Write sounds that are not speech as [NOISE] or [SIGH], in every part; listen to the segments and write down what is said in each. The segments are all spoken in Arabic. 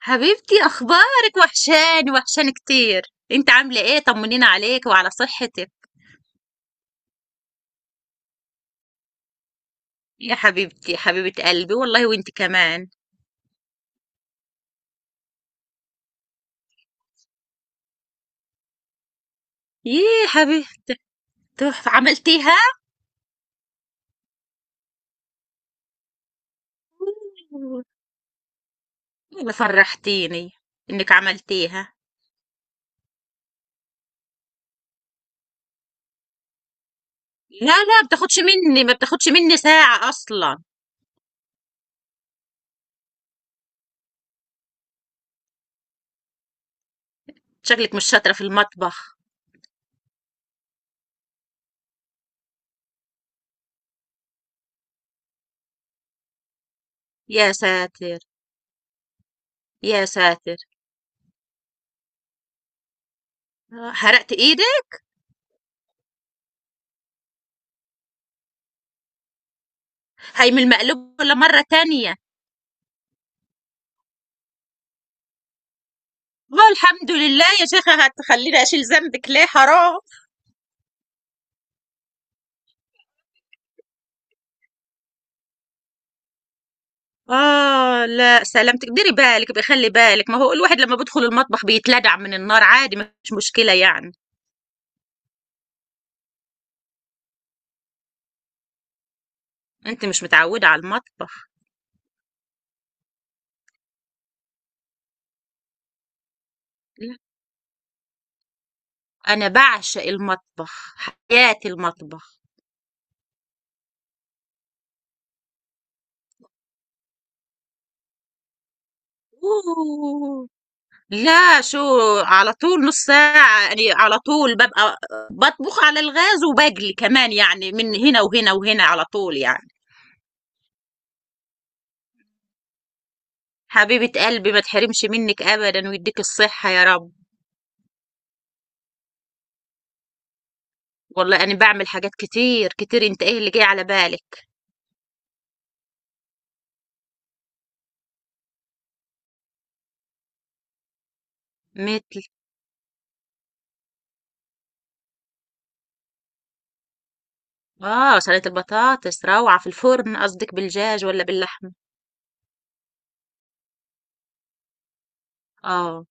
حبيبتي، اخبارك؟ وحشاني وحشاني كتير. انت عامله ايه؟ طمنينا عليك وعلى صحتك. يا حبيبتي حبيبه قلبي والله، وانت كمان. ييه حبيبتي، تحفه عملتيها. والله فرحتيني انك عملتيها. لا لا، بتاخدش مني، ما بتاخدش مني ساعه اصلا. شكلك مش شاطره في المطبخ. يا ساتر يا ساتر. آه، حرقت ايدك. هي من المقلوب ولا مره تانية؟ والله الحمد لله يا شيخة، هتخليني اشيل ذنبك ليه، حرام. آه لا، سلامتك، ديري بالك، بخلي بالك، ما هو الواحد لما بيدخل المطبخ بيتلدع من النار عادي، مش مشكلة يعني. انت مش متعودة على المطبخ. لا، انا بعشق المطبخ، حياتي المطبخ. أوه. لا شو، على طول نص ساعة يعني، على طول ببقى بطبخ على الغاز وبجلي كمان، يعني من هنا وهنا وهنا على طول يعني. حبيبة قلبي، ما تحرمش منك ابدا ويديك الصحة يا رب. والله انا بعمل حاجات كتير كتير، انت ايه اللي جاي على بالك؟ متل. اه، سلطة البطاطس روعة في الفرن، قصدك بالدجاج ولا باللحمة؟ اه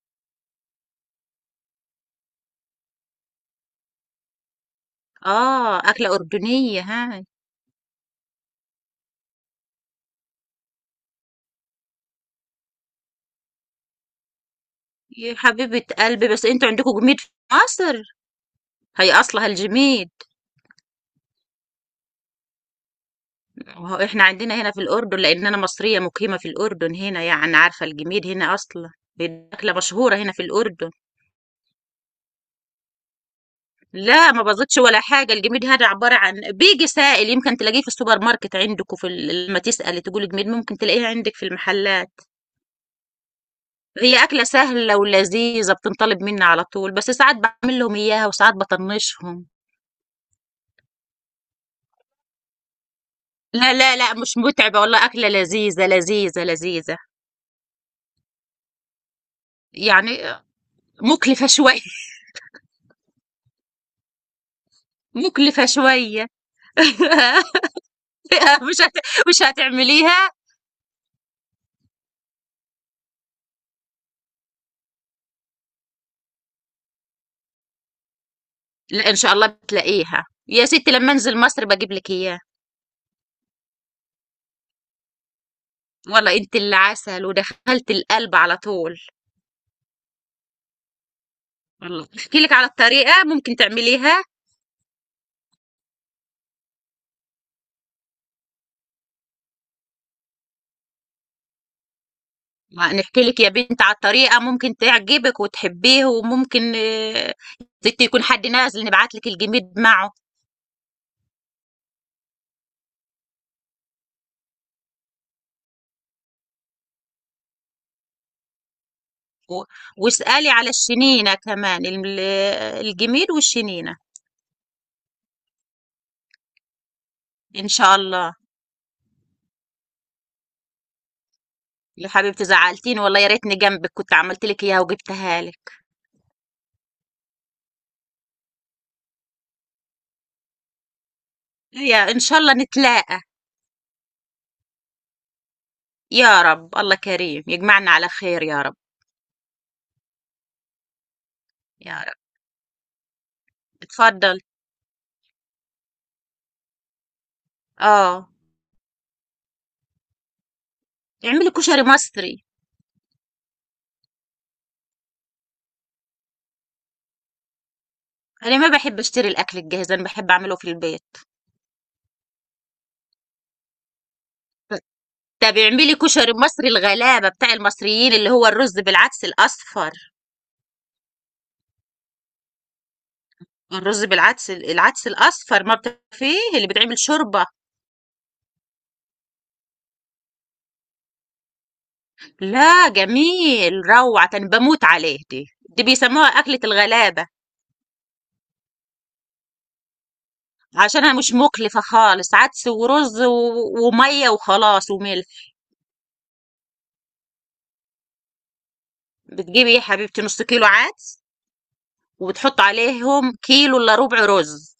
اه، أكلة أردنية هاي. يا حبيبة قلبي، بس انتوا عندكم جميد في مصر؟ هي أصلها الجميد. وهو احنا عندنا هنا في الأردن، لأن أنا مصرية مقيمة في الأردن هنا، يعني عارفة الجميد هنا أصلا. دي أكلة مشهورة هنا في الأردن. لا ما بزيدش ولا حاجة، الجميد هذا عبارة عن بيجي سائل، يمكن تلاقيه في السوبر ماركت عندكم. في لما تسألي تقولي جميد، ممكن تلاقيه عندك في المحلات. هي أكلة سهلة ولذيذة، بتنطلب مني على طول، بس ساعات بعمل لهم إياها وساعات بطنشهم. لا لا لا، مش متعبة والله، أكلة لذيذة لذيذة لذيذة. يعني مكلفة شوية. [LAUGHS] مكلفة شوية. [LAUGHS] مش هت... مش هتعمليها. لا إن شاء الله بتلاقيها يا ستي، لما أنزل مصر بجيب لك إياها. والله أنت اللي عسل، ودخلت القلب على طول. والله أحكي لك على الطريقة ممكن تعمليها. ما نحكي لك يا بنت على الطريقة، ممكن تعجبك وتحبيه، وممكن آه، زيت يكون حد نازل نبعت لك الجميد معه. و- واسألي على الشنينة كمان. الجميد والشنينة إن شاء الله. يا حبيبتي زعلتيني والله، يا ريتني جنبك كنت عملت لك إياها وجبتها لك. يا إن شاء الله نتلاقى. يا رب، الله كريم يجمعنا على خير يا رب. يا رب. اتفضل. اه، اعملي كشري مصري. أنا ما بحب أشتري الأكل الجاهز، أنا بحب أعمله في البيت. ده بيعملي لي كشري المصري الغلابة بتاع المصريين، اللي هو الرز بالعدس الأصفر. الرز بالعدس، العدس الأصفر ما بت- فيه اللي بتعمل شوربة. لا جميل، روعة، أنا بموت عليه دي بيسموها أكلة الغلابة. عشانها مش مكلفة خالص، عدس ورز ومية وخلاص وملح. بتجيبي يا حبيبتي نص كيلو عدس، وبتحط عليهم كيلو إلا ربع رز،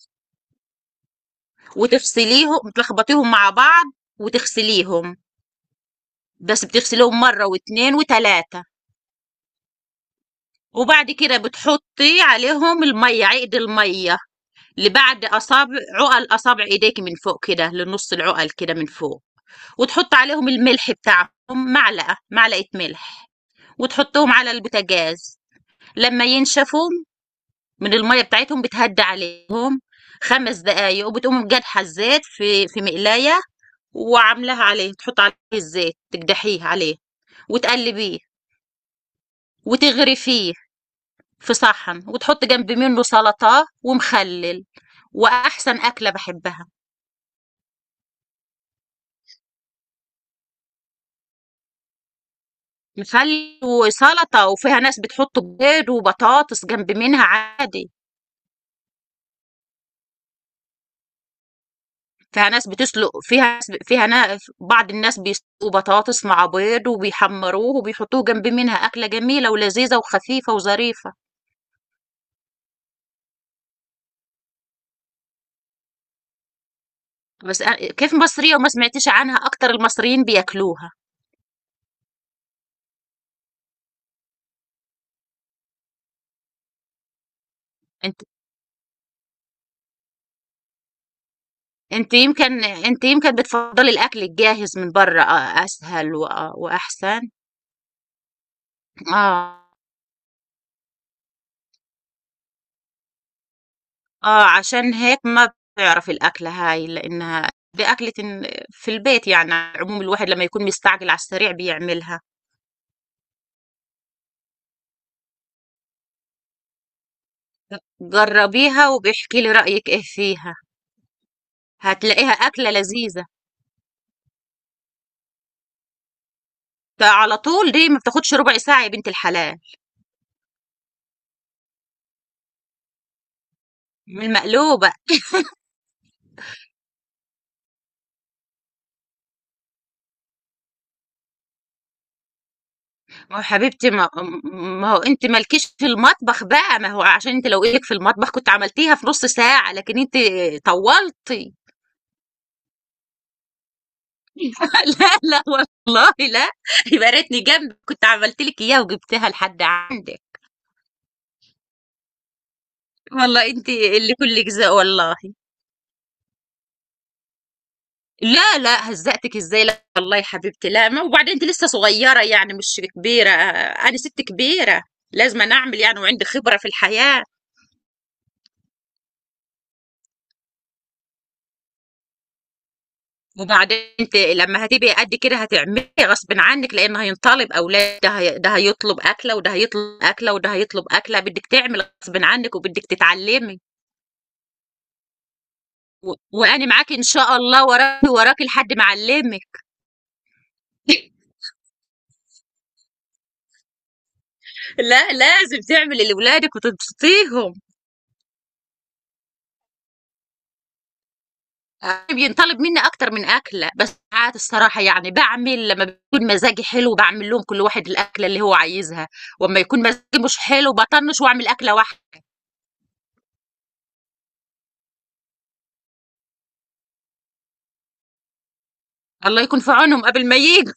وتفصليهم تلخبطيهم مع بعض وتغسليهم، بس بتغسليهم مرة واتنين وتلاتة. وبعد كده بتحطي عليهم المية، عقد المية لبعد أصابع، عقل أصابع إيديك من فوق كده، لنص العقل كده من فوق. وتحط عليهم الملح بتاعهم، معلقة معلقة ملح، وتحطهم على البوتاجاز. لما ينشفوا من المية بتاعتهم، بتهدى عليهم 5 دقايق، وبتقوم جدحة الزيت في مقلاية وعاملاها عليه، تحط عليه الزيت تقدحيه عليه وتقلبيه وتغرفيه في صحن، وتحط جنب منه سلطة ومخلل. وأحسن أكلة بحبها، مخلل وسلطة، وفيها ناس بتحط بيض وبطاطس جنب منها عادي. فيها ناس بتسلق، فيها ناس بعض الناس بيسلقوا بطاطس مع بيض وبيحمروه وبيحطوه جنب منها، أكلة جميلة ولذيذة وخفيفة وظريفة. كيف مصرية وما سمعتيش عنها، أكتر المصريين بياكلوها. انت انت يمكن بتفضلي الأكل الجاهز من بره أسهل وأحسن. آه، آه، عشان هيك ما بتعرف الأكلة هاي، لأنها بأكلة في البيت. يعني على العموم، الواحد لما يكون مستعجل على السريع بيعملها. جربيها وبيحكي لي رأيك إيه فيها، هتلاقيها أكلة لذيذة. تا على طول دي ما بتاخدش ربع ساعة يا بنت الحلال. من المقلوبة. ما هو حبيبتي، ما هو انت مالكيش في المطبخ بقى، ما هو عشان انت لو ايدك في المطبخ كنت عملتيها في نص ساعة، لكن انت طولتي. [LAUGHS] لا لا والله لا. يبقى ريتني جنبك، كنت عملت لك اياها وجبتها لحد عندك. والله انت اللي كلك زق والله. لا لا، هزقتك ازاي؟ لا والله يا حبيبتي لا. ما وبعدين انت لسه صغيره يعني، مش كبيره، انا ست كبيره، لازم أنا اعمل يعني، وعندي خبره في الحياه. وبعدين انت لما هتبقي قد كده هتعملي غصب عنك، لان هينطلب اولاد، ده ده هيطلب اكله، وده هيطلب اكله، وده هيطلب اكله، بدك تعمل غصب عنك وبدك تتعلمي. وأنا معاك إن شاء الله، وراكي وراكي لحد ما أعلمك. [LAUGHS] لا لازم تعملي لولادك وتبسطيهم. أنا بينطلب مني أكتر من أكلة، بس ساعات الصراحة يعني بعمل لما بيكون مزاجي حلو، بعمل لهم كل واحد الأكلة اللي هو عايزها، وأما يكون مزاجي مش حلو بطنش وأعمل أكلة واحدة. الله يكون في عونهم قبل ما ييجوا.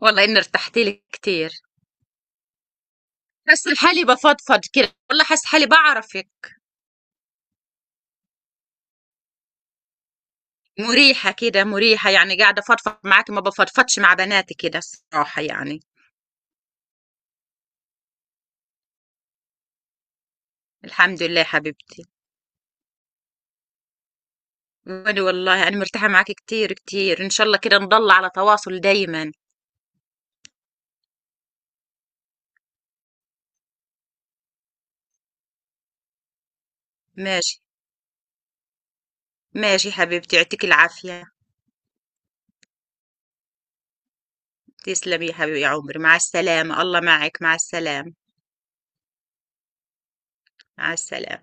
والله إني ارتحت لك كتير، حاسة حالي بفضفض كده والله، حاسة حالي بعرفك، مريحة كده، مريحة يعني قاعدة فضفض معاكي، ما بفضفضش مع بناتي كده الصراحة يعني. الحمد لله حبيبتي. وأنا والله أنا مرتاحة معك كتير كتير، إن شاء الله كده نضل على تواصل دايما. ماشي، ماشي حبيبتي، يعطيك العافية. تسلمي يا حبيبي يا عمري، مع السلامة، الله معك، مع السلامة. مع السلامة.